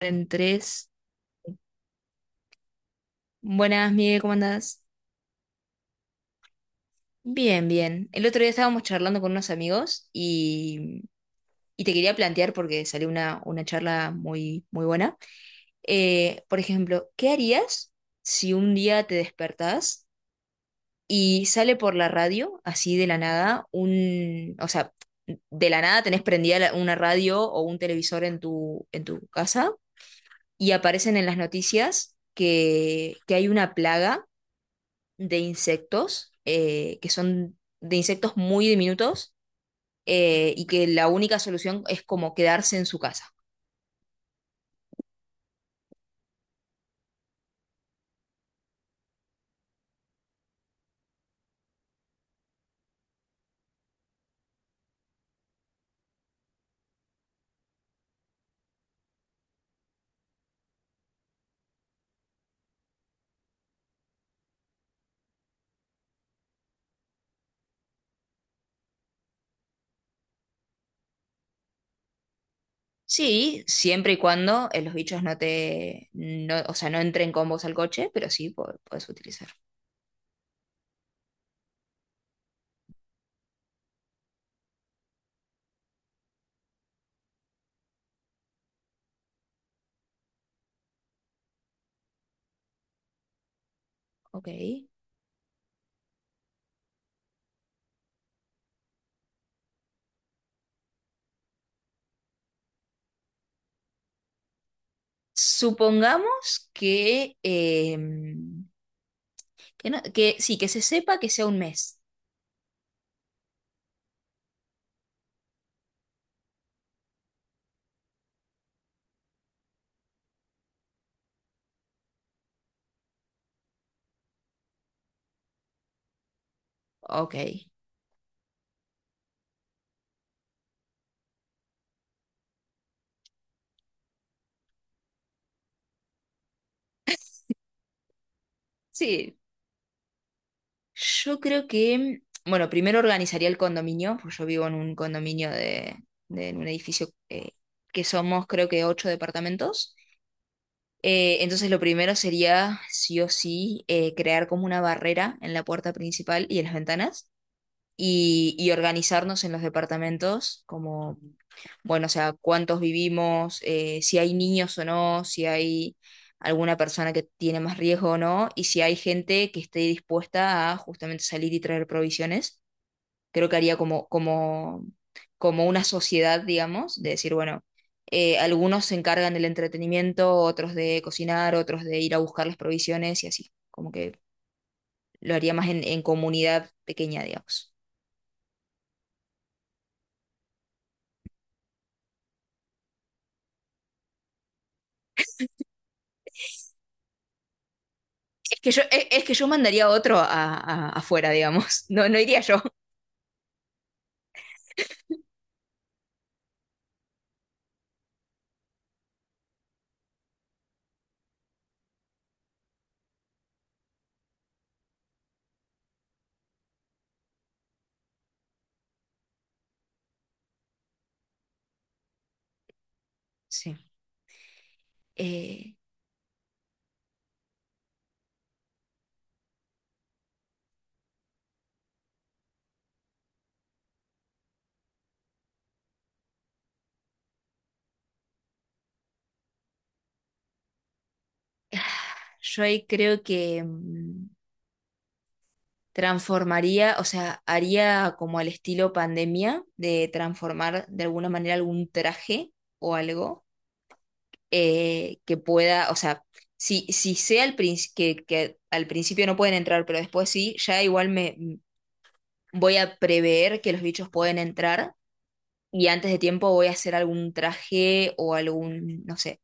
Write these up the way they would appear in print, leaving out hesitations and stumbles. En tres. Buenas, Miguel, ¿cómo andás? Bien, bien. El otro día estábamos charlando con unos amigos y te quería plantear, porque salió una charla muy, muy buena. Por ejemplo, ¿qué harías si un día te despertás y sale por la radio, así de la nada, de la nada tenés prendida una radio o un televisor en en tu casa y aparecen en las noticias que hay una plaga de insectos, que son de insectos muy diminutos, y que la única solución es como quedarse en su casa. Sí, siempre y cuando los bichos no o sea, no entren con vos al coche, pero sí podés utilizar. Ok. Supongamos que, que sí, que se sepa que sea un mes. Ok. Sí, yo creo que, bueno, primero organizaría el condominio, porque yo vivo en un condominio en un edificio que somos creo que 8 departamentos. Entonces lo primero sería, sí o sí, crear como una barrera en la puerta principal y en las ventanas y organizarnos en los departamentos como bueno, o sea, cuántos vivimos, si hay niños o no, si hay alguna persona que tiene más riesgo o no, y si hay gente que esté dispuesta a justamente salir y traer provisiones. Creo que haría como una sociedad, digamos, de decir, bueno, algunos se encargan del entretenimiento, otros de cocinar, otros de ir a buscar las provisiones y así. Como que lo haría más en comunidad pequeña, digamos. Es que yo, es que yo mandaría a otro afuera, digamos. No, no iría yo. Sí. Eh, yo ahí creo que transformaría, o sea, haría como al estilo pandemia de transformar de alguna manera algún traje o algo que pueda, o sea, si sea al que al principio no pueden entrar, pero después sí, ya igual voy a prever que los bichos pueden entrar y antes de tiempo voy a hacer algún traje o algún, no sé,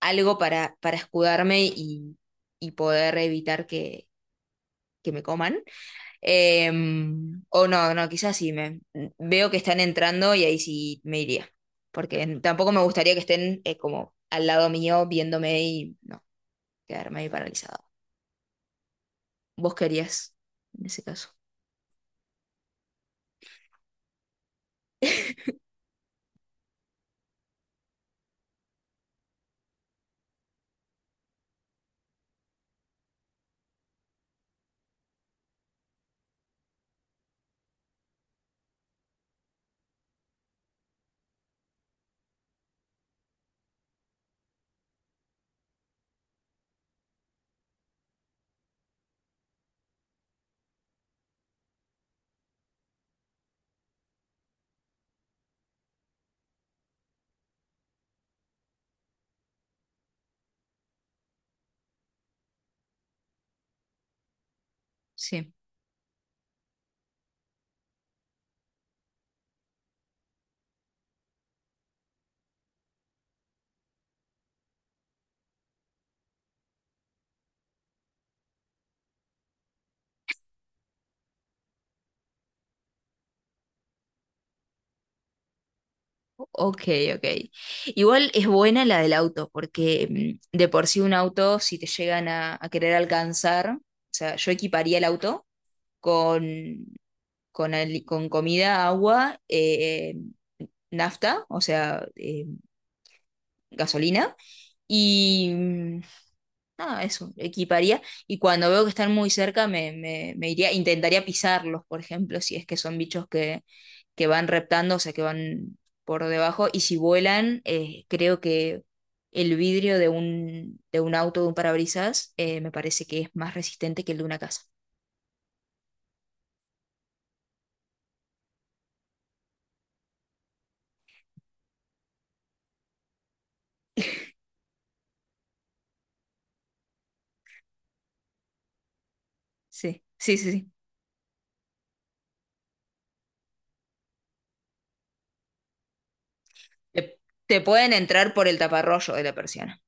algo para escudarme y poder evitar que me coman. Eh, o no, no, quizás sí, me, veo que están entrando y ahí sí me iría. Porque tampoco me gustaría que estén como al lado mío viéndome y no, quedarme ahí paralizado. ¿Vos querías en ese caso? Sí. Ok, ok. Igual es buena la del auto, porque de por sí un auto, si te llegan a querer alcanzar, o sea, yo equiparía el auto con, con comida, agua, nafta, o sea, gasolina. Y nada, eso, equiparía. Y cuando veo que están muy cerca, me iría, intentaría pisarlos, por ejemplo, si es que son bichos que van reptando, o sea, que van por debajo. Y si vuelan, creo que el vidrio de de un auto, de un parabrisas, me parece que es más resistente que el de una casa. Sí, sí, sí, sí. Te, Te pueden entrar por el taparroyo de la persiana.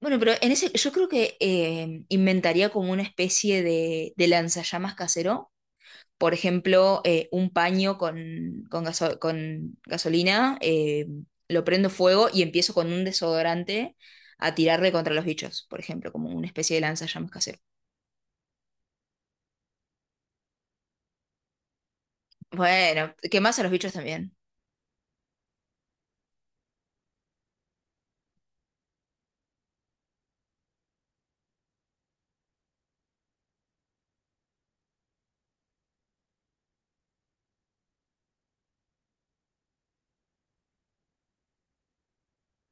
Bueno, pero en ese, yo creo que inventaría como una especie de lanzallamas casero. Por ejemplo, un paño con gasolina, lo prendo fuego y empiezo con un desodorante a tirarle contra los bichos, por ejemplo, como una especie de lanzallamas casero. Bueno, quemás a los bichos también.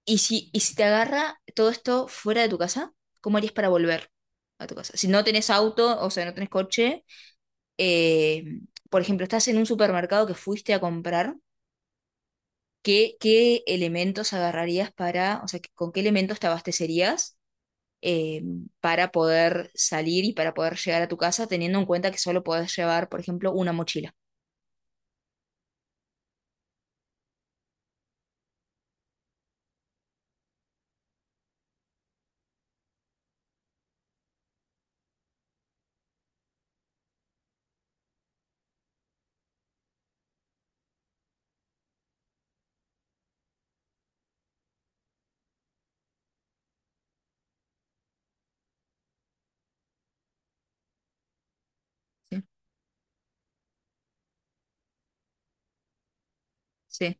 ¿Y y si te agarra todo esto fuera de tu casa? ¿Cómo harías para volver a tu casa? Si no tenés auto, o sea, no tenés coche. eh, por ejemplo, estás en un supermercado que fuiste a comprar, qué elementos agarrarías para, o sea, con qué elementos te abastecerías eh, para poder salir y para poder llegar a tu casa, teniendo en cuenta que solo podés llevar, por ejemplo, una mochila? Sí, sí.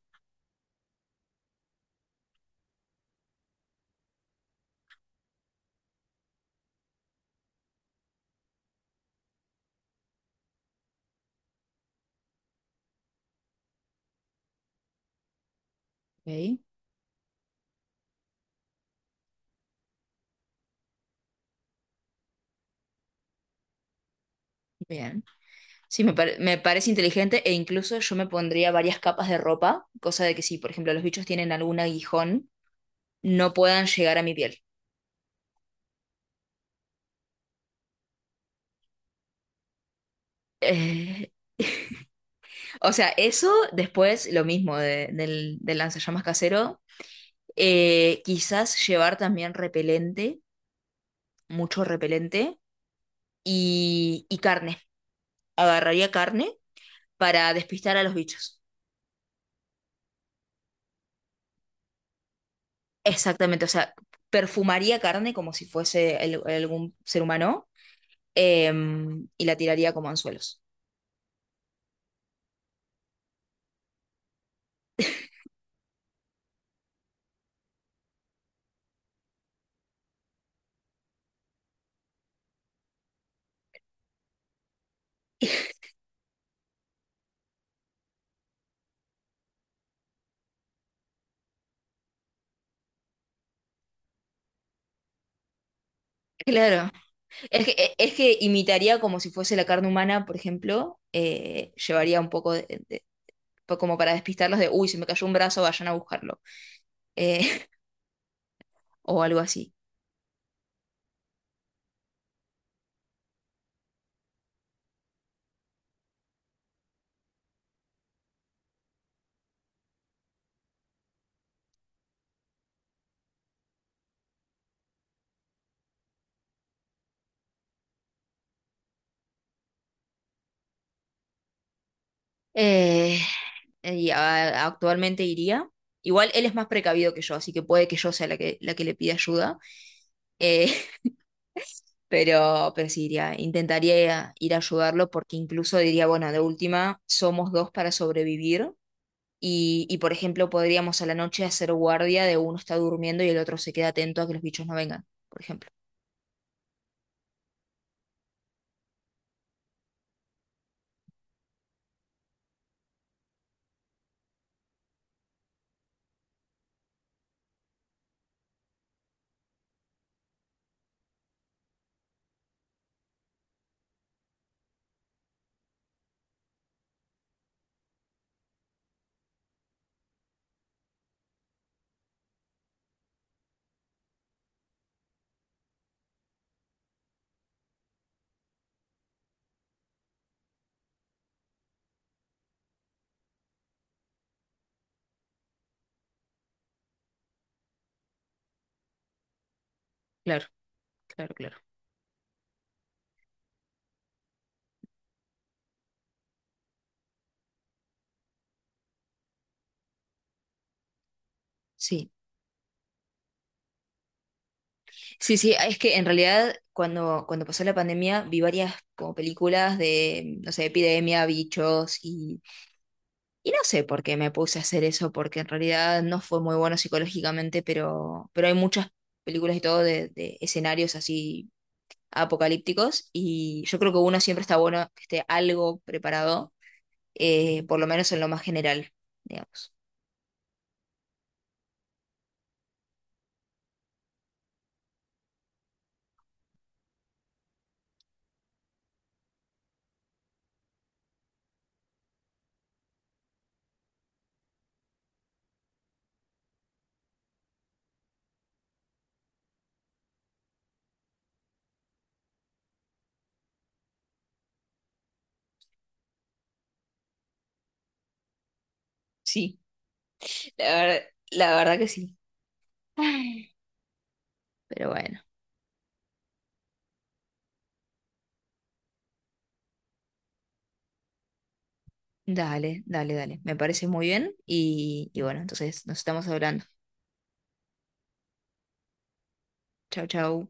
Ok. Bien. Sí, me parece inteligente, e incluso yo me pondría varias capas de ropa, cosa de que si, por ejemplo, los bichos tienen algún aguijón, no puedan llegar a mi piel. Eh, O sea, eso después lo mismo del lanzallamas casero. Quizás llevar también repelente, mucho repelente y carne. Agarraría carne para despistar a los bichos. Exactamente, o sea, perfumaría carne como si fuese algún ser humano, y la tiraría como anzuelos. Claro, es que imitaría como si fuese la carne humana, por ejemplo, llevaría un poco de, como para despistarlos de, uy, se me cayó un brazo, vayan a buscarlo, eh, o algo así. Eh, Actualmente iría. Igual él es más precavido que yo, así que puede que yo sea la la que le pida ayuda. Eh, pero sí iría, intentaría ir a ayudarlo porque incluso diría, bueno, de última, somos dos para sobrevivir. Y, por ejemplo, podríamos a la noche hacer guardia de uno está durmiendo y el otro se queda atento a que los bichos no vengan, por ejemplo. Sí. Sí, sí, es que en realidad cuando, cuando pasó la pandemia vi varias como películas de, no sé, epidemia, bichos y no sé por qué me puse a hacer eso, porque en realidad no fue muy bueno psicológicamente, pero hay muchas películas y todo de escenarios así apocalípticos, y yo creo que uno siempre está bueno que esté algo preparado, por lo menos en lo más general, digamos. Sí, la verdad, la verdad que sí. Ay. Pero bueno. Dale, dale, dale. Me parece muy bien y bueno, entonces nos estamos hablando. Chau, chau.